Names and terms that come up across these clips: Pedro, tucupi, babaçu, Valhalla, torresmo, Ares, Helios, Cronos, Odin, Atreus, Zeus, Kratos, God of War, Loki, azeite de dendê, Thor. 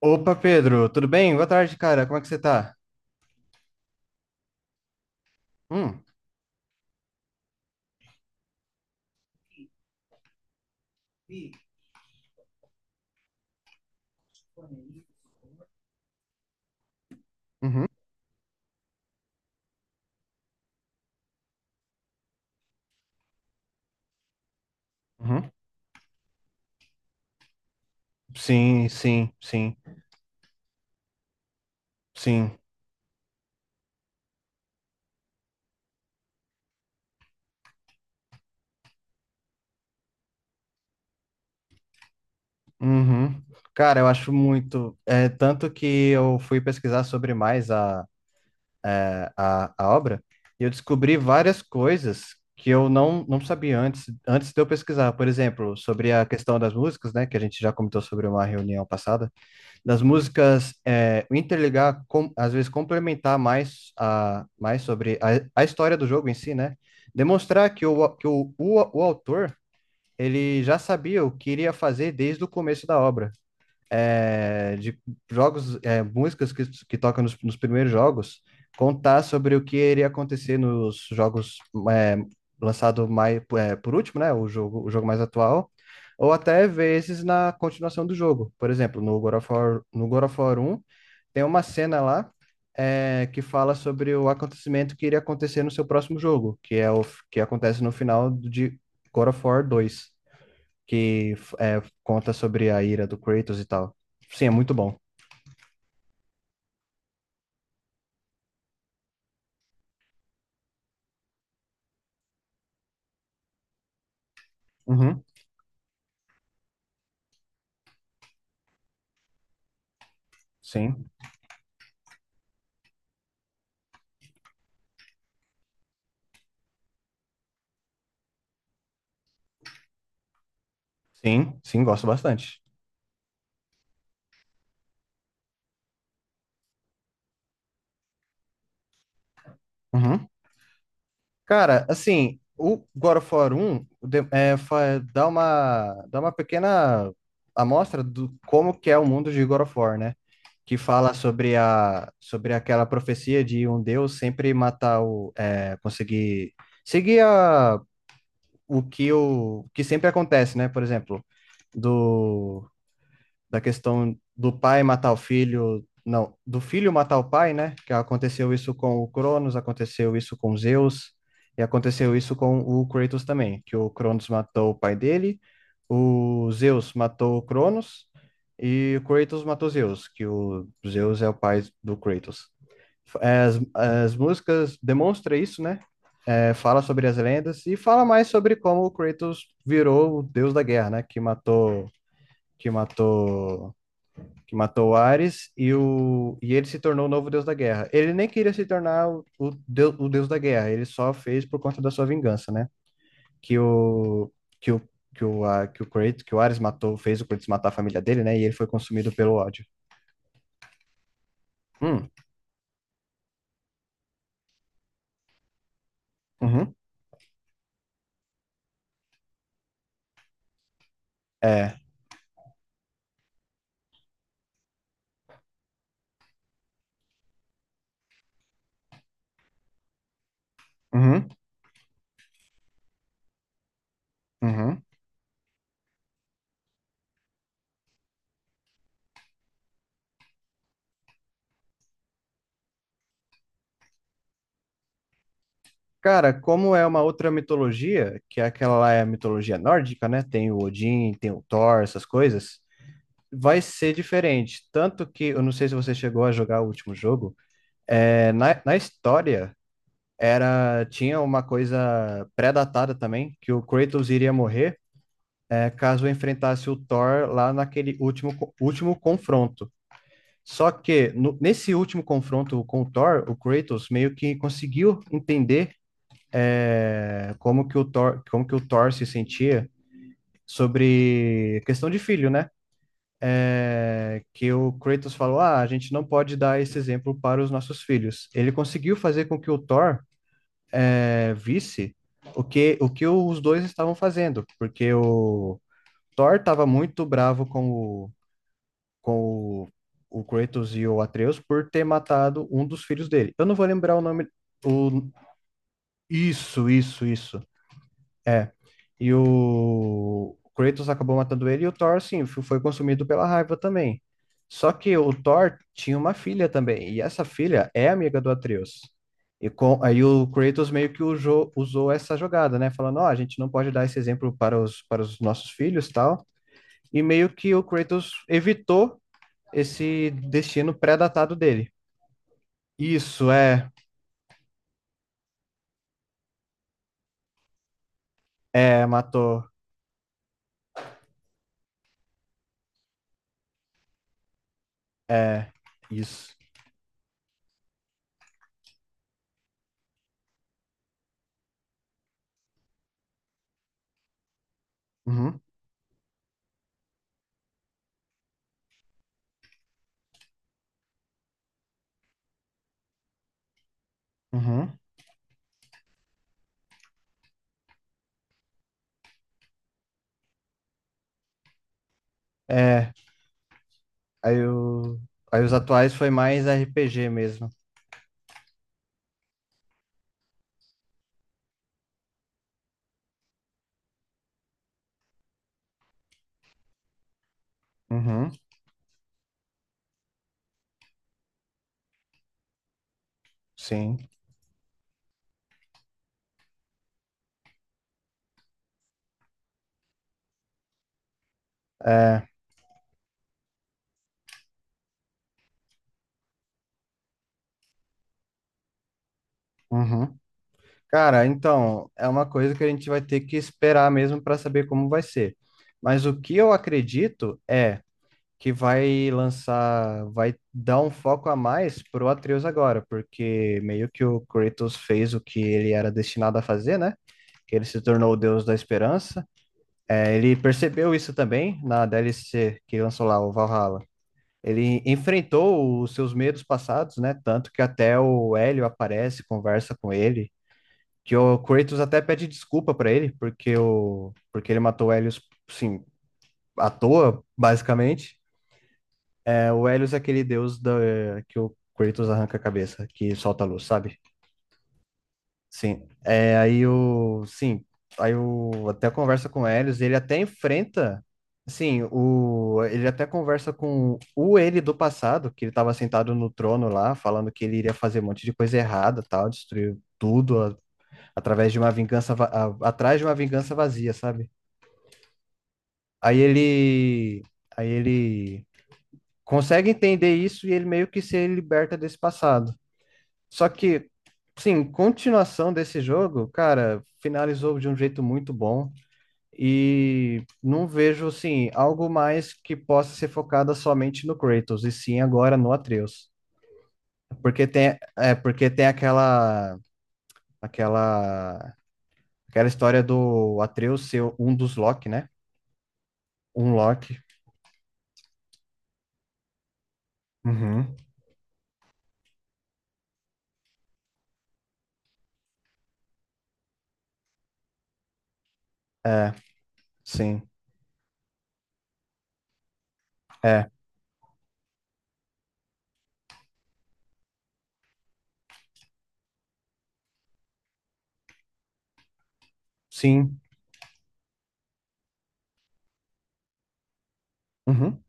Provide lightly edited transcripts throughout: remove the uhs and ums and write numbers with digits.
Opa, Pedro, tudo bem? Boa tarde, cara. Como é que você tá? Hum. Uhum, uhum. Sim, sim, sim, sim. Uhum. Cara, eu acho muito. Tanto que eu fui pesquisar sobre mais a obra e eu descobri várias coisas que eu não sabia antes de eu pesquisar. Por exemplo, sobre a questão das músicas, né? Que a gente já comentou sobre uma reunião passada. Das músicas interligar, com, às vezes complementar mais sobre a história do jogo em si, né? Demonstrar que o autor ele já sabia o que iria fazer desde o começo da obra, de jogos, músicas que tocam nos primeiros jogos, contar sobre o que iria acontecer nos jogos, é, lançado mais, por último, né? O jogo mais atual, ou até vezes na continuação do jogo. Por exemplo, no God of War 1, tem uma cena lá, que fala sobre o acontecimento que iria acontecer no seu próximo jogo, que é o que acontece no final de God of War 2, conta sobre a ira do Kratos e tal. Sim, é muito bom. Uhum. Sim, sim, sim, gosto bastante. Uhum. Cara, assim, o God of War 1, dá uma pequena amostra do como que é o mundo de God of War, né? Que fala sobre aquela profecia de um deus sempre matar conseguir seguir o que sempre acontece, né? Por exemplo, do da questão do pai matar o filho. Não, do filho matar o pai, né? Que aconteceu isso com o Cronos, aconteceu isso com Zeus e aconteceu isso com o Kratos também. Que o Cronos matou o pai dele, o Zeus matou o Cronos e o Kratos matou Zeus, que o Zeus é o pai do Kratos. As músicas demonstra isso, né? Fala sobre as lendas e fala mais sobre como o Kratos virou o deus da guerra, né? Que matou que matou o Ares, e ele se tornou o novo deus da guerra. Ele nem queria se tornar o deus da guerra, ele só fez por conta da sua vingança, né? Que o, que o Kratos, que o Ares matou, fez o Kratos matar a família dele, né? E ele foi consumido pelo ódio. Hum. Uhum. É. Uhum, uhum. Cara, como é uma outra mitologia, que é aquela lá, é a mitologia nórdica, né? Tem o Odin, tem o Thor, essas coisas. Vai ser diferente. Tanto que eu não sei se você chegou a jogar o último jogo. Na história, era tinha uma coisa pré-datada também, que o Kratos iria morrer, caso enfrentasse o Thor lá naquele último, último confronto. Só que nesse último confronto com o Thor, o Kratos meio que conseguiu entender, como que o Thor se sentia sobre questão de filho, né? Que o Kratos falou, ah, a gente não pode dar esse exemplo para os nossos filhos. Ele conseguiu fazer com que o Thor visse o que os dois estavam fazendo, porque o Thor estava muito bravo o, com o Kratos e o Atreus por ter matado um dos filhos dele. Eu não vou lembrar o nome. O... Isso, isso, isso. É. E o Kratos acabou matando ele e o Thor, sim, foi consumido pela raiva também. Só que o Thor tinha uma filha também, e essa filha é amiga do Atreus. Aí o Kratos meio que usou essa jogada, né? Falando, ó, a gente não pode dar esse exemplo para os nossos filhos, tal. E meio que o Kratos evitou esse destino pré-datado dele. Isso. É, é, matou. É, isso. Uhum, uhum. É. Aí, o... Aí os atuais foi mais RPG mesmo. Uhum, sim. É. Uhum. Cara, então, é uma coisa que a gente vai ter que esperar mesmo para saber como vai ser. Mas o que eu acredito é que vai lançar, vai dar um foco a mais pro Atreus agora, porque meio que o Kratos fez o que ele era destinado a fazer, né? Que ele se tornou o Deus da Esperança. Ele percebeu isso também na DLC que lançou lá, o Valhalla. Ele enfrentou os seus medos passados, né? Tanto que até o Hélio aparece, conversa com ele. Que o Kratos até pede desculpa pra ele, porque, porque ele matou o Hélio, sim, à toa, basicamente. O Helios é aquele deus que o Kratos arranca a cabeça, que solta a luz, sabe? Sim. Sim, até conversa com o Helios. Ele até enfrenta, sim, ele até conversa com o ele do passado, que ele estava sentado no trono lá, falando que ele iria fazer um monte de coisa errada, tal, destruir tudo através de uma vingança, atrás de uma vingança vazia, sabe? Aí ele, aí ele consegue entender isso e ele meio que se liberta desse passado. Só que, sim, continuação desse jogo, cara, finalizou de um jeito muito bom. E não vejo, assim, algo mais que possa ser focada somente no Kratos, e sim agora no Atreus. Porque tem aquela, aquela história do Atreus ser um dos Loki, né? Um Loki. Uhum. É, sim. É, sim. Uhum.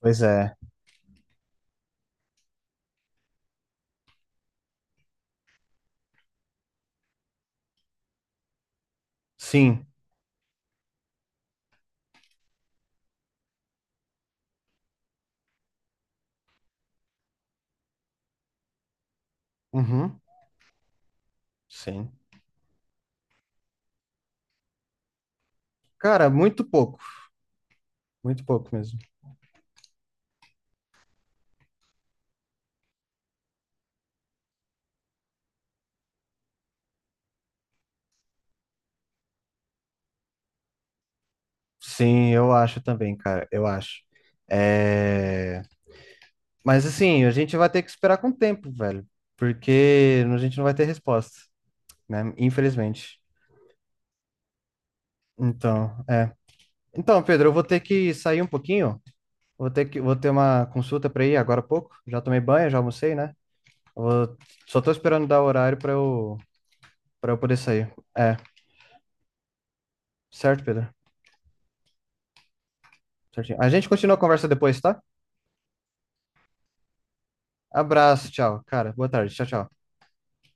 Pois é. Sim. Uhum. Sim. Cara, muito pouco. Muito pouco mesmo. Sim, eu acho também, cara, eu acho. É... Mas assim, a gente vai ter que esperar com o tempo, velho, porque a gente não vai ter resposta, né? Infelizmente. Então, é. Então, Pedro, eu vou ter que sair um pouquinho, vou ter uma consulta para ir agora há pouco. Já tomei banho, já almocei, né? Eu vou- Só tô esperando dar o horário para eu poder sair. É, certo, Pedro? Certinho. A gente continua a conversa depois, tá? Abraço, tchau, cara. Boa tarde, tchau, tchau.